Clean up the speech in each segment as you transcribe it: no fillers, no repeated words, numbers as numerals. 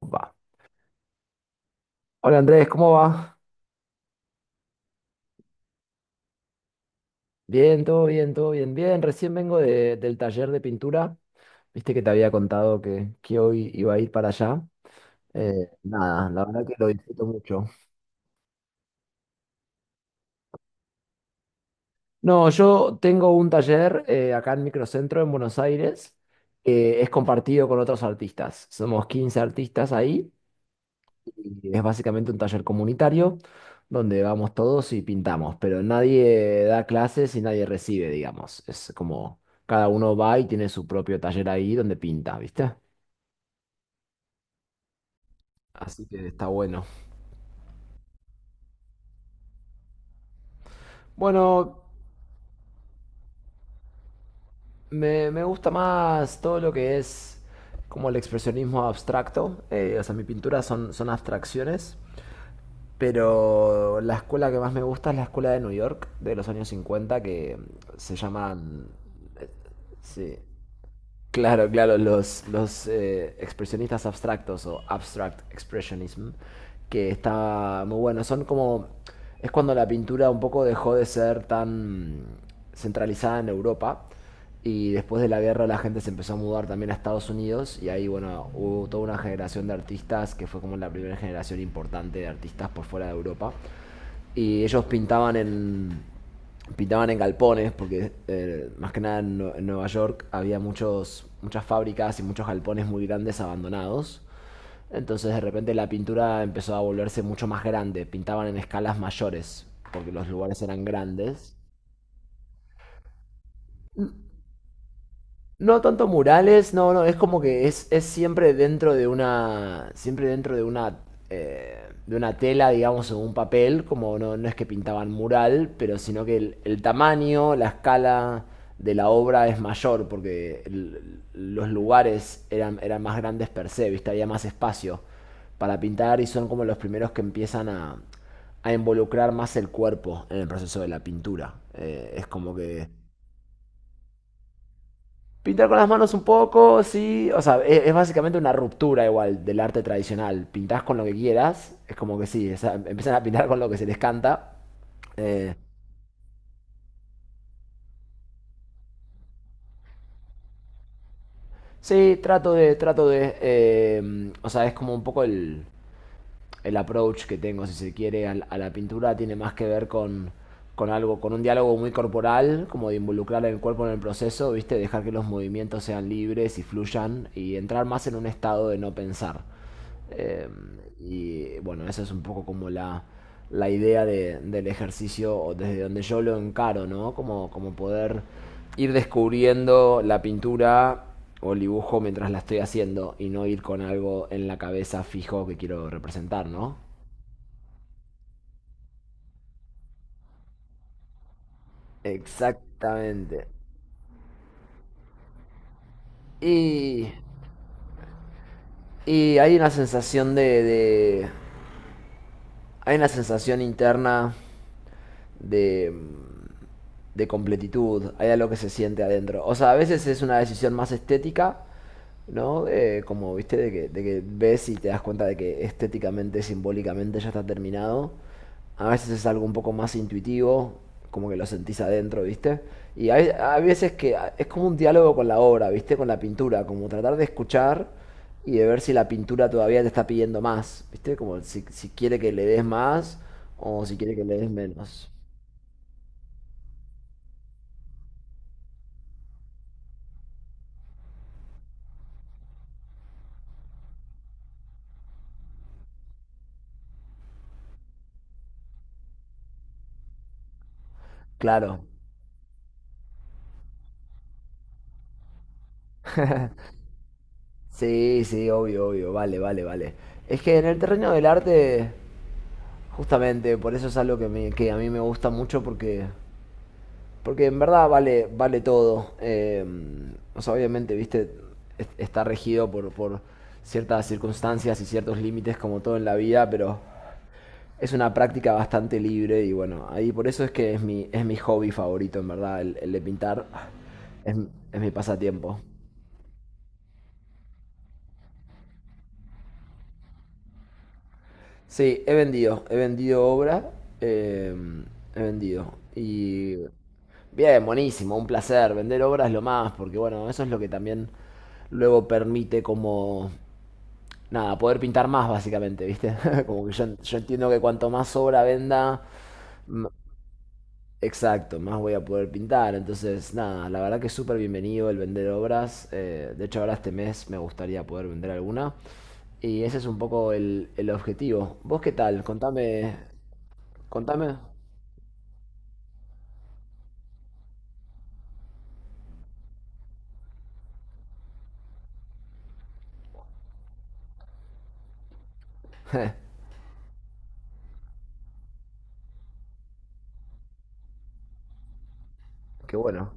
Va. Hola Andrés, ¿cómo va? Bien, todo bien, todo bien, bien. Recién vengo del taller de pintura. Viste que te había contado que hoy iba a ir para allá. Nada, la verdad que lo disfruto mucho. No, yo tengo un taller acá en Microcentro, en Buenos Aires, que es compartido con otros artistas. Somos 15 artistas ahí y es básicamente un taller comunitario donde vamos todos y pintamos, pero nadie da clases y nadie recibe, digamos. Es como cada uno va y tiene su propio taller ahí donde pinta, ¿viste? Así que está bueno. Bueno, me gusta más todo lo que es como el expresionismo abstracto. O sea mi pintura son abstracciones. Pero la escuela que más me gusta es la escuela de New York de los años 50 que se llaman, sí. Claro, claro, los expresionistas abstractos o abstract expressionism, que está muy bueno. Son como. Es cuando la pintura un poco dejó de ser tan centralizada en Europa y después de la guerra la gente se empezó a mudar también a Estados Unidos y ahí, bueno, hubo toda una generación de artistas que fue como la primera generación importante de artistas por fuera de Europa y ellos pintaban en pintaban en galpones, porque más que nada en Nueva York había muchos, muchas fábricas y muchos galpones muy grandes abandonados. Entonces de repente la pintura empezó a volverse mucho más grande, pintaban en escalas mayores, porque los lugares eran grandes. No tanto murales, no, no, es como que es siempre dentro de una, siempre dentro eh, de una tela, digamos, o un papel, como no, no es que pintaban mural, pero sino que el tamaño, la escala de la obra es mayor, porque los lugares eran más grandes per se, ¿viste? Había más espacio para pintar y son como los primeros que empiezan a involucrar más el cuerpo en el proceso de la pintura. Es como que pintar con las manos un poco, sí. O sea, es básicamente una ruptura igual del arte tradicional. Pintás con lo que quieras, es como que sí, empiezan a pintar con lo que se les canta. Eh, sí, trato de. O sea es como un poco el approach que tengo, si se quiere, a la pintura. Tiene más que ver con algo, con un diálogo muy corporal, como de involucrar el cuerpo en el proceso, ¿viste? Dejar que los movimientos sean libres y fluyan y entrar más en un estado de no pensar. Eh, y bueno, esa es un poco como la idea del ejercicio, o desde donde yo lo encaro, ¿no? Como, como poder ir descubriendo la pintura o el dibujo mientras la estoy haciendo y no ir con algo en la cabeza fijo que quiero representar, ¿no? Exactamente. Y, y hay una sensación de. Hay una sensación interna de... de completitud, hay algo que se siente adentro. O sea, a veces es una decisión más estética, ¿no? Como, viste, de que ves y te das cuenta de que estéticamente, simbólicamente ya está terminado. A veces es algo un poco más intuitivo, como que lo sentís adentro, ¿viste? Y hay veces es como un diálogo con la obra, ¿viste? Con la pintura, como tratar de escuchar y de ver si la pintura todavía te está pidiendo más, ¿viste? Como si quiere que le des más o si quiere que le des menos. Claro. Sí, sí, obvio, obvio, vale, vale, vale. Es que en el terreno del arte, justamente, por eso es algo que a mí me gusta mucho porque, porque en verdad vale, vale todo. O sea, obviamente, viste, está regido por ciertas circunstancias y ciertos límites como todo en la vida, pero es una práctica bastante libre y bueno, ahí por eso es que es es mi hobby favorito, en verdad, el de pintar. Es, es mi pasatiempo. Sí, he vendido obra, eh, he vendido. Y bien, buenísimo, un placer. Vender obra es lo más, porque bueno, eso es lo que también luego permite como, nada, poder pintar más básicamente, ¿viste? Como que yo entiendo que cuanto más obra venda, m- exacto, más voy a poder pintar. Entonces, nada, la verdad que es súper bienvenido el vender obras. De hecho, ahora este mes me gustaría poder vender alguna. Y ese es un poco el objetivo. ¿Vos qué tal? Contame. Contame. Qué bueno.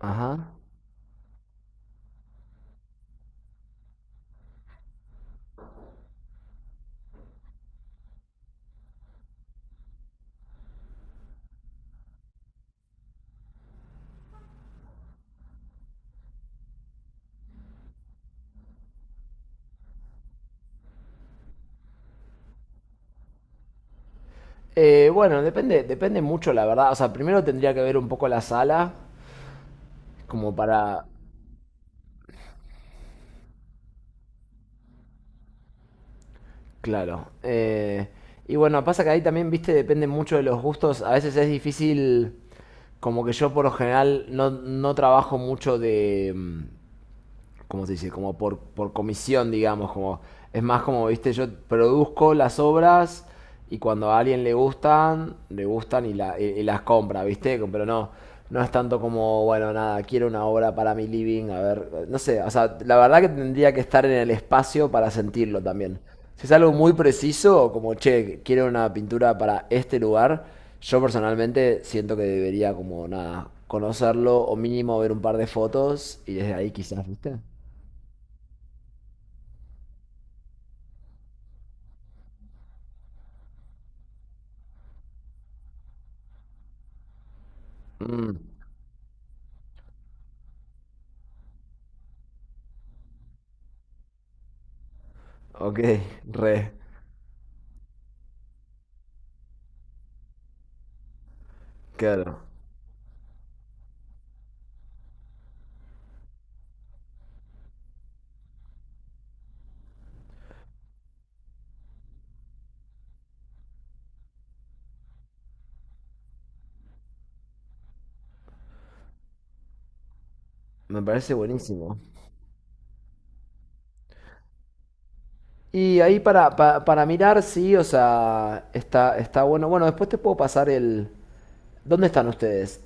Ajá. Bueno, depende mucho, la verdad. O sea, primero tendría que ver un poco la sala, como para... Claro. Y bueno, pasa que ahí también, viste, depende mucho de los gustos. A veces es difícil, como que yo por lo general no trabajo mucho de... ¿cómo se dice? Como por comisión, digamos, como es más como, viste, yo produzco las obras y cuando a alguien le gustan y y las compra, viste, pero no, no es tanto como, bueno, nada, quiero una obra para mi living, a ver, no sé, o sea, la verdad que tendría que estar en el espacio para sentirlo también. Si es algo muy preciso, como, che, quiero una pintura para este lugar, yo personalmente siento que debería como, nada, conocerlo o mínimo ver un par de fotos y desde ahí quizás, viste. Mm, ok, re, claro. Me parece buenísimo. Y ahí para mirar, sí, o sea, está bueno. Bueno, después te puedo pasar el... ¿Dónde están ustedes?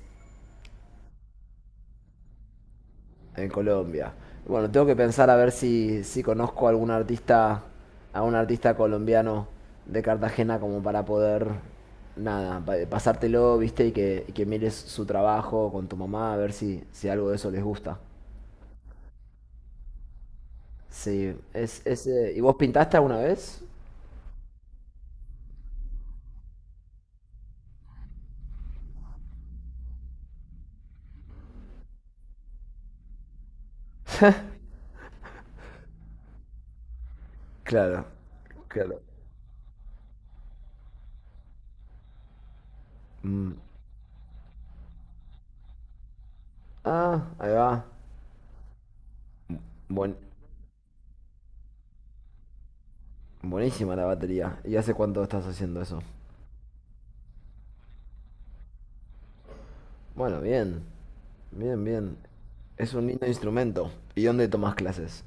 En Colombia. Bueno, tengo que pensar a ver si, si conozco a algún artista, a un artista colombiano de Cartagena como para poder, nada, pasártelo, viste, y que mires su trabajo con tu mamá, a ver si, si algo de eso les gusta. Sí, es, ¿y vos pintaste alguna vez? Claro, claro. Mm. Ah, ahí va. Buen- Buenísima la batería. ¿Y hace cuánto estás haciendo eso? Bueno, bien. Bien, bien. Es un lindo instrumento. ¿Y dónde tomas clases?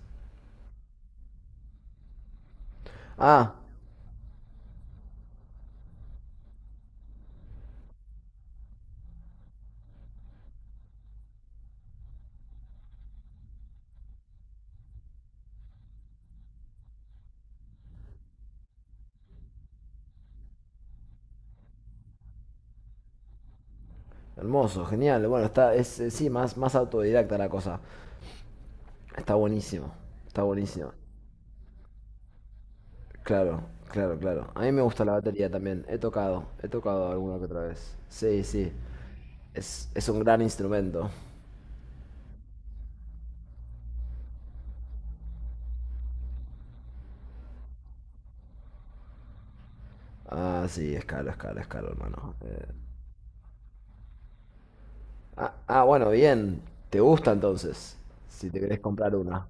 Ah, hermoso, genial. Bueno, sí, más, más autodidacta la cosa. Está buenísimo. Está buenísimo. Claro, claro, claro. A mí me gusta la batería también. He tocado alguna que otra vez. Sí, sí. Es un gran instrumento. Ah, sí, es caro, es caro, es caro, hermano. Ah, ah, bueno, bien. ¿Te gusta entonces? Si te querés comprar una.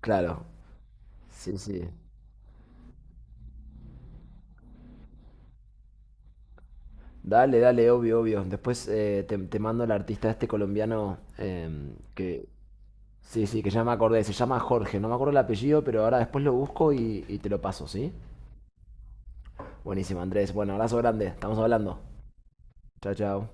Claro. Sí, sí. Dale, dale, obvio, obvio. Después te mando el artista este colombiano que... Sí, sí, que ya me acordé. Se llama Jorge. No me acuerdo el apellido, pero ahora después lo busco y te lo paso, ¿sí? Buenísimo, Andrés. Bueno, abrazo grande. Estamos hablando. Chao, chao.